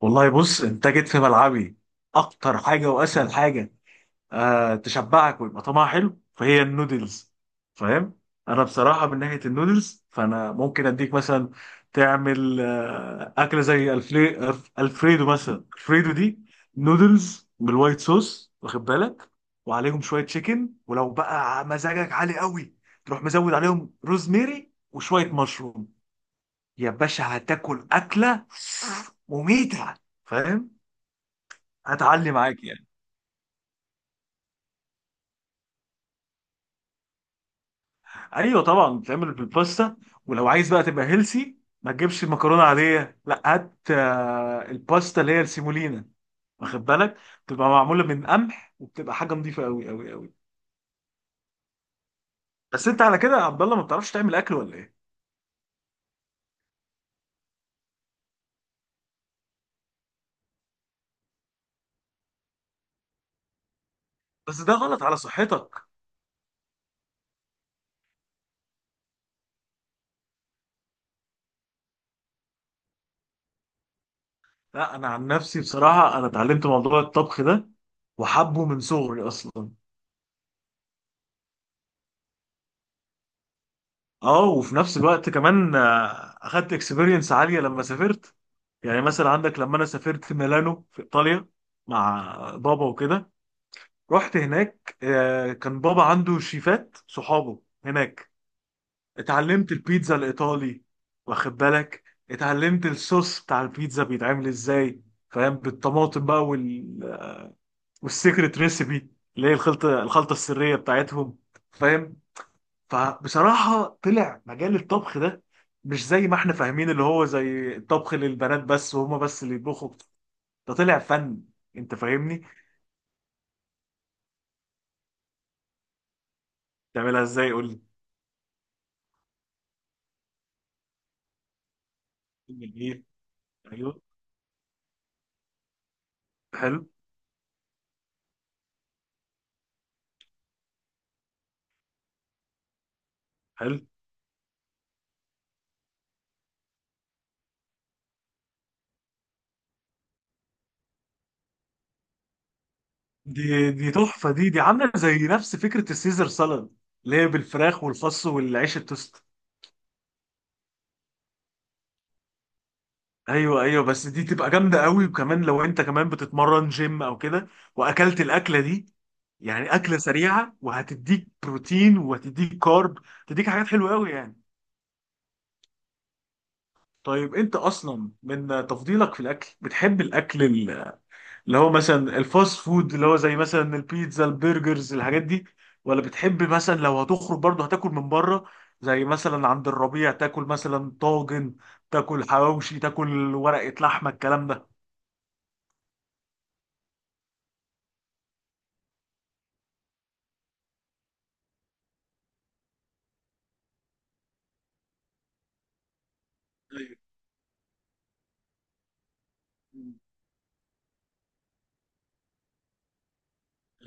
والله بص، انت جيت في ملعبي. اكتر حاجه واسهل حاجه تشبعك ويبقى طعمها حلو فهي النودلز، فاهم؟ انا بصراحه من ناحيه النودلز فانا ممكن اديك مثلا تعمل اكله زي الفريدو، مثلا الفريدو دي نودلز بالوايت صوص، واخد بالك؟ وعليهم شويه تشيكن، ولو بقى مزاجك عالي قوي تروح مزود عليهم روزميري وشويه مشروم، يا باشا هتاكل اكله مميته، فاهم؟ هتعلي معاك يعني. ايوه طبعا بتعمل بالباستا. ولو عايز بقى تبقى هيلسي ما تجيبش مكرونه عاديه، لا هات الباستا اللي هي السيمولينا، واخد بالك؟ بتبقى معموله من قمح، وبتبقى حاجه نظيفه قوي قوي قوي. بس انت على كده يا عبد الله ما بتعرفش تعمل اكل ولا ايه؟ بس ده غلط على صحتك. لا انا عن نفسي بصراحه انا اتعلمت موضوع الطبخ ده وحبه من صغري اصلا. اه، وفي نفس الوقت كمان اخدت اكسبيرينس عاليه لما سافرت. يعني مثلا عندك لما انا سافرت ميلانو في ايطاليا مع بابا وكده، رحت هناك كان بابا عنده شيفات صحابه هناك. اتعلمت البيتزا الايطالي، واخد بالك؟ اتعلمت الصوص بتاع البيتزا بيتعمل ازاي، فاهم؟ بالطماطم بقى والسيكريت ريسيبي اللي هي الخلطه السريه بتاعتهم، فاهم؟ فبصراحة طلع مجال الطبخ ده مش زي ما احنا فاهمين اللي هو زي الطبخ للبنات بس، وهما بس اللي يطبخوا. ده طلع فن، انت فاهمني. تعملها ازاي؟ قول لي. جميل. ايوه. حلو. حلو. دي تحفة. دي عاملة زي نفس فكرة السيزر سالاد، اللي هي بالفراخ والخس والعيش التوست. ايوه ايوه، بس دي تبقى جامدة قوي، وكمان لو انت كمان بتتمرن جيم او كده واكلت الاكلة دي، يعني اكله سريعه، وهتديك بروتين وهتديك كارب، هتديك حاجات حلوه قوي يعني. طيب، انت اصلا من تفضيلك في الاكل بتحب الاكل اللي هو مثلا الفاست فود، اللي هو زي مثلا البيتزا، البرجرز، الحاجات دي؟ ولا بتحب مثلا لو هتخرج برضه هتاكل من بره، زي مثلا عند الربيع، تاكل مثلا طاجن، تاكل حواوشي، تاكل ورقه لحمه، الكلام ده؟ ايوه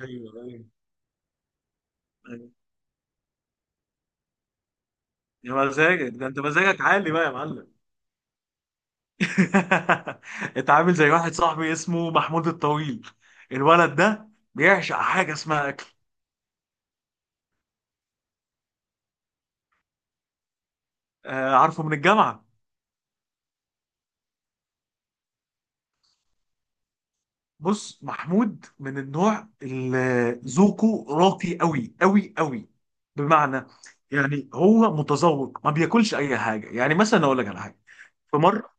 ايوه. ايوه ايوه. يا مزاجك، ده انت مزاجك عالي بقى يا معلم. انت عامل زي واحد صاحبي، اسمه محمود الطويل. الولد ده بيعشق حاجه اسمها اكل. آه، عارفه من الجامعه. بص، محمود من النوع اللي ذوقه راقي قوي قوي قوي، بمعنى، يعني هو متذوق ما بياكلش اي حاجه. يعني مثلا اقول لك على حاجه، في مره،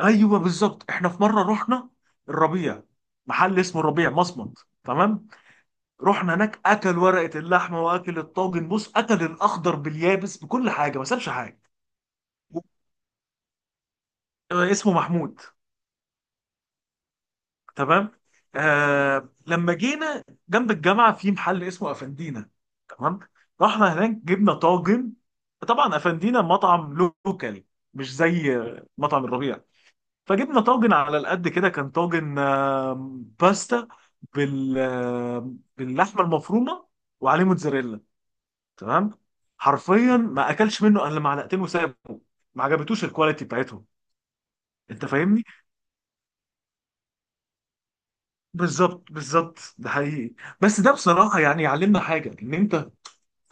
ايوه بالظبط، احنا في مره رحنا الربيع، محل اسمه الربيع مصمت، تمام؟ رحنا هناك، اكل ورقه اللحمه، واكل الطاجن، بص اكل الاخضر باليابس، بكل حاجه، ما سابش حاجه. آه، اسمه محمود، تمام؟ آه، لما جينا جنب الجامعه في محل اسمه افندينا، تمام؟ رحنا هناك، جبنا طاجن. طبعا افندينا مطعم لوكالي، مش زي مطعم الربيع. فجبنا طاجن على القد كده، كان طاجن باستا باللحمه المفرومه، وعليه موتزاريلا، تمام؟ حرفيا ما اكلش منه الا معلقتين وسابه، ما عجبتوش الكواليتي بتاعتهم. انت فاهمني؟ بالظبط بالظبط، ده حقيقي. بس ده بصراحه يعني يعلمنا حاجه، ان انت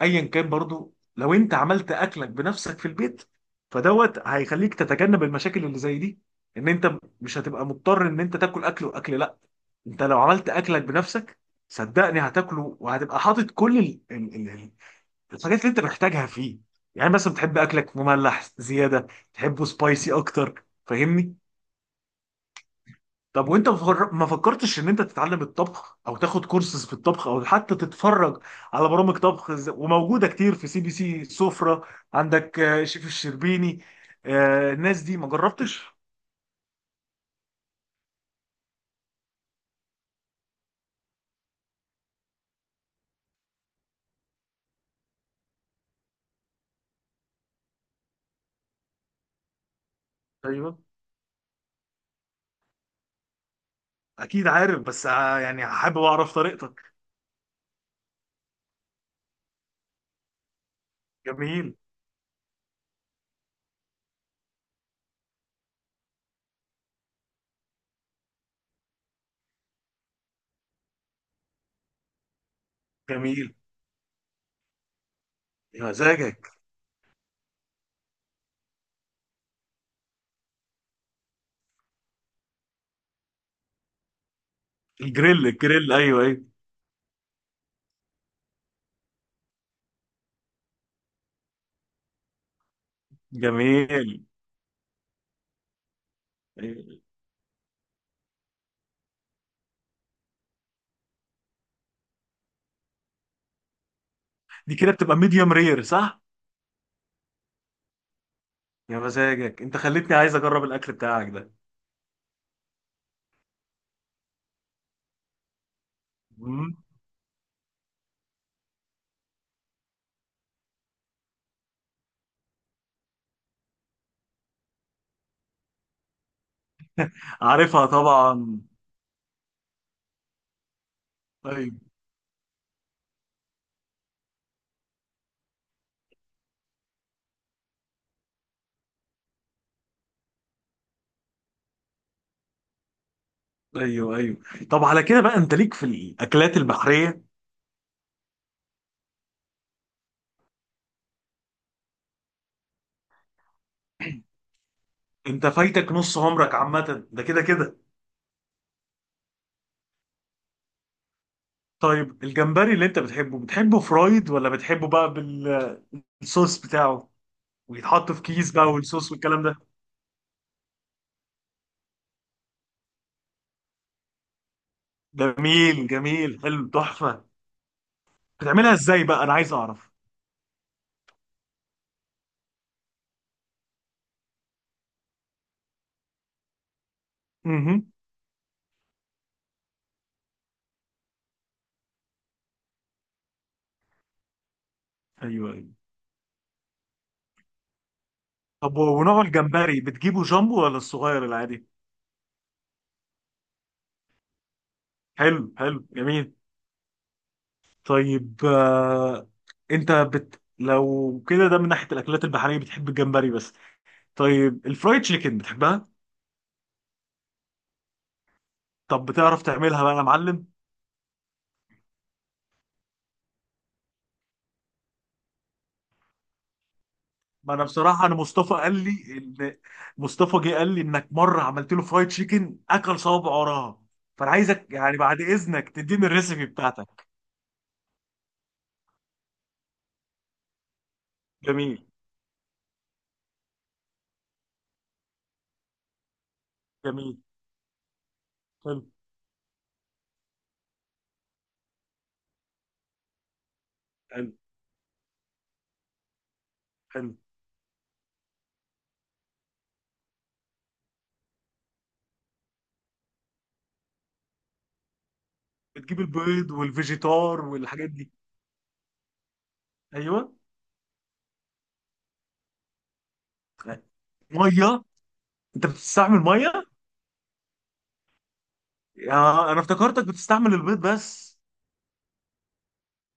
ايا كان، برضو لو انت عملت اكلك بنفسك في البيت، فدوت هيخليك تتجنب المشاكل اللي زي دي، ان انت مش هتبقى مضطر ان انت تاكل اكل واكل. لا، انت لو عملت اكلك بنفسك صدقني هتاكله، وهتبقى حاطط كل الحاجات اللي انت محتاجها فيه. يعني مثلا بتحب اكلك مملح زياده، تحبه سبايسي اكتر، فاهمني؟ طب وانت ما فكرتش ان انت تتعلم الطبخ، او تاخد كورسز في الطبخ، او حتى تتفرج على برامج طبخ، وموجوده كتير في سي بي سي سفرة، عندك شيف الشربيني، الناس دي ما جربتش؟ ايوه. اكيد عارف، بس يعني حابب اعرف طريقتك. جميل. جميل. يا مزاجك. الجريل الجريل، ايوه ايوه. جميل. أيوة. دي كده بتبقى ميديوم رير، صح؟ يا مزاجك، انت خليتني عايز اجرب الاكل بتاعك ده. مم. عارفها طبعا. ايوه ايوه. ايوه. طب على كده بقى، انت ليك في الاكلات البحريه؟ انت فايتك نص عمرك عامه، ده كده كده. طيب، الجمبري اللي انت بتحبه، بتحبه فرايد، ولا بتحبه بقى بالصوص بتاعه، ويتحط في كيس بقى، والصوص والكلام ده؟ جميل جميل، حلو، تحفه. بتعملها ازاي بقى؟ انا عايز اعرف. امم. ايوه ايوه. طب ونوع الجمبري بتجيبه جامبو، ولا الصغير العادي؟ حلو حلو، جميل. طيب انت لو كده ده من ناحيه الاكلات البحريه بتحب الجمبري بس. طيب الفرايد تشيكن بتحبها؟ طب بتعرف تعملها بقى يا معلم؟ ما انا بصراحه، انا مصطفى قال لي ان، مصطفى جه قال لي انك مره عملت له فرايد تشيكن، اكل صوابع وراها. فانا عايزك يعني بعد اذنك تديني الريسيبي بتاعتك. جميل. جميل. حلو. حلو. حلو. بتجيب البيض والفيجيتار والحاجات دي؟ ايوه. طيب. ميه؟ انت بتستعمل ميه؟ يا انا افتكرتك بتستعمل البيض بس.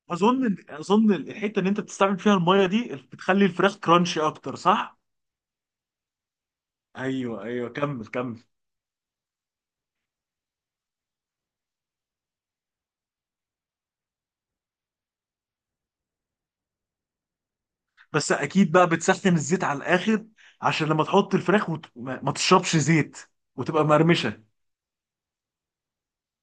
اظن الحته اللي انت بتستعمل فيها الميه دي بتخلي الفراخ كرانشي اكتر، صح؟ ايوه ايوه، كمل كمل. بس اكيد بقى بتسخن الزيت على الاخر، عشان لما تحط الفراخ ما تشربش زيت، وتبقى مقرمشه.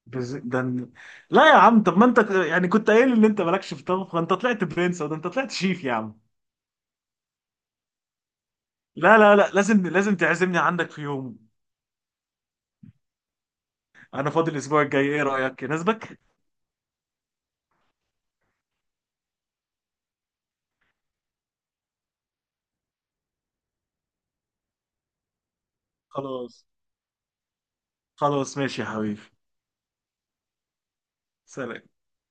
بز... ده ن- لا يا عم، طب ما انت يعني كنت قايل ان انت مالكش في الطبخ ده، انت طلعت برنس، ده انت طلعت شيف يا عم. لا لا لا، لازم لازم تعزمني عندك في يوم. انا فاضي الاسبوع الجاي، ايه رايك؟ يناسبك؟ خلاص. خلاص ماشي يا حبيبي. سلام.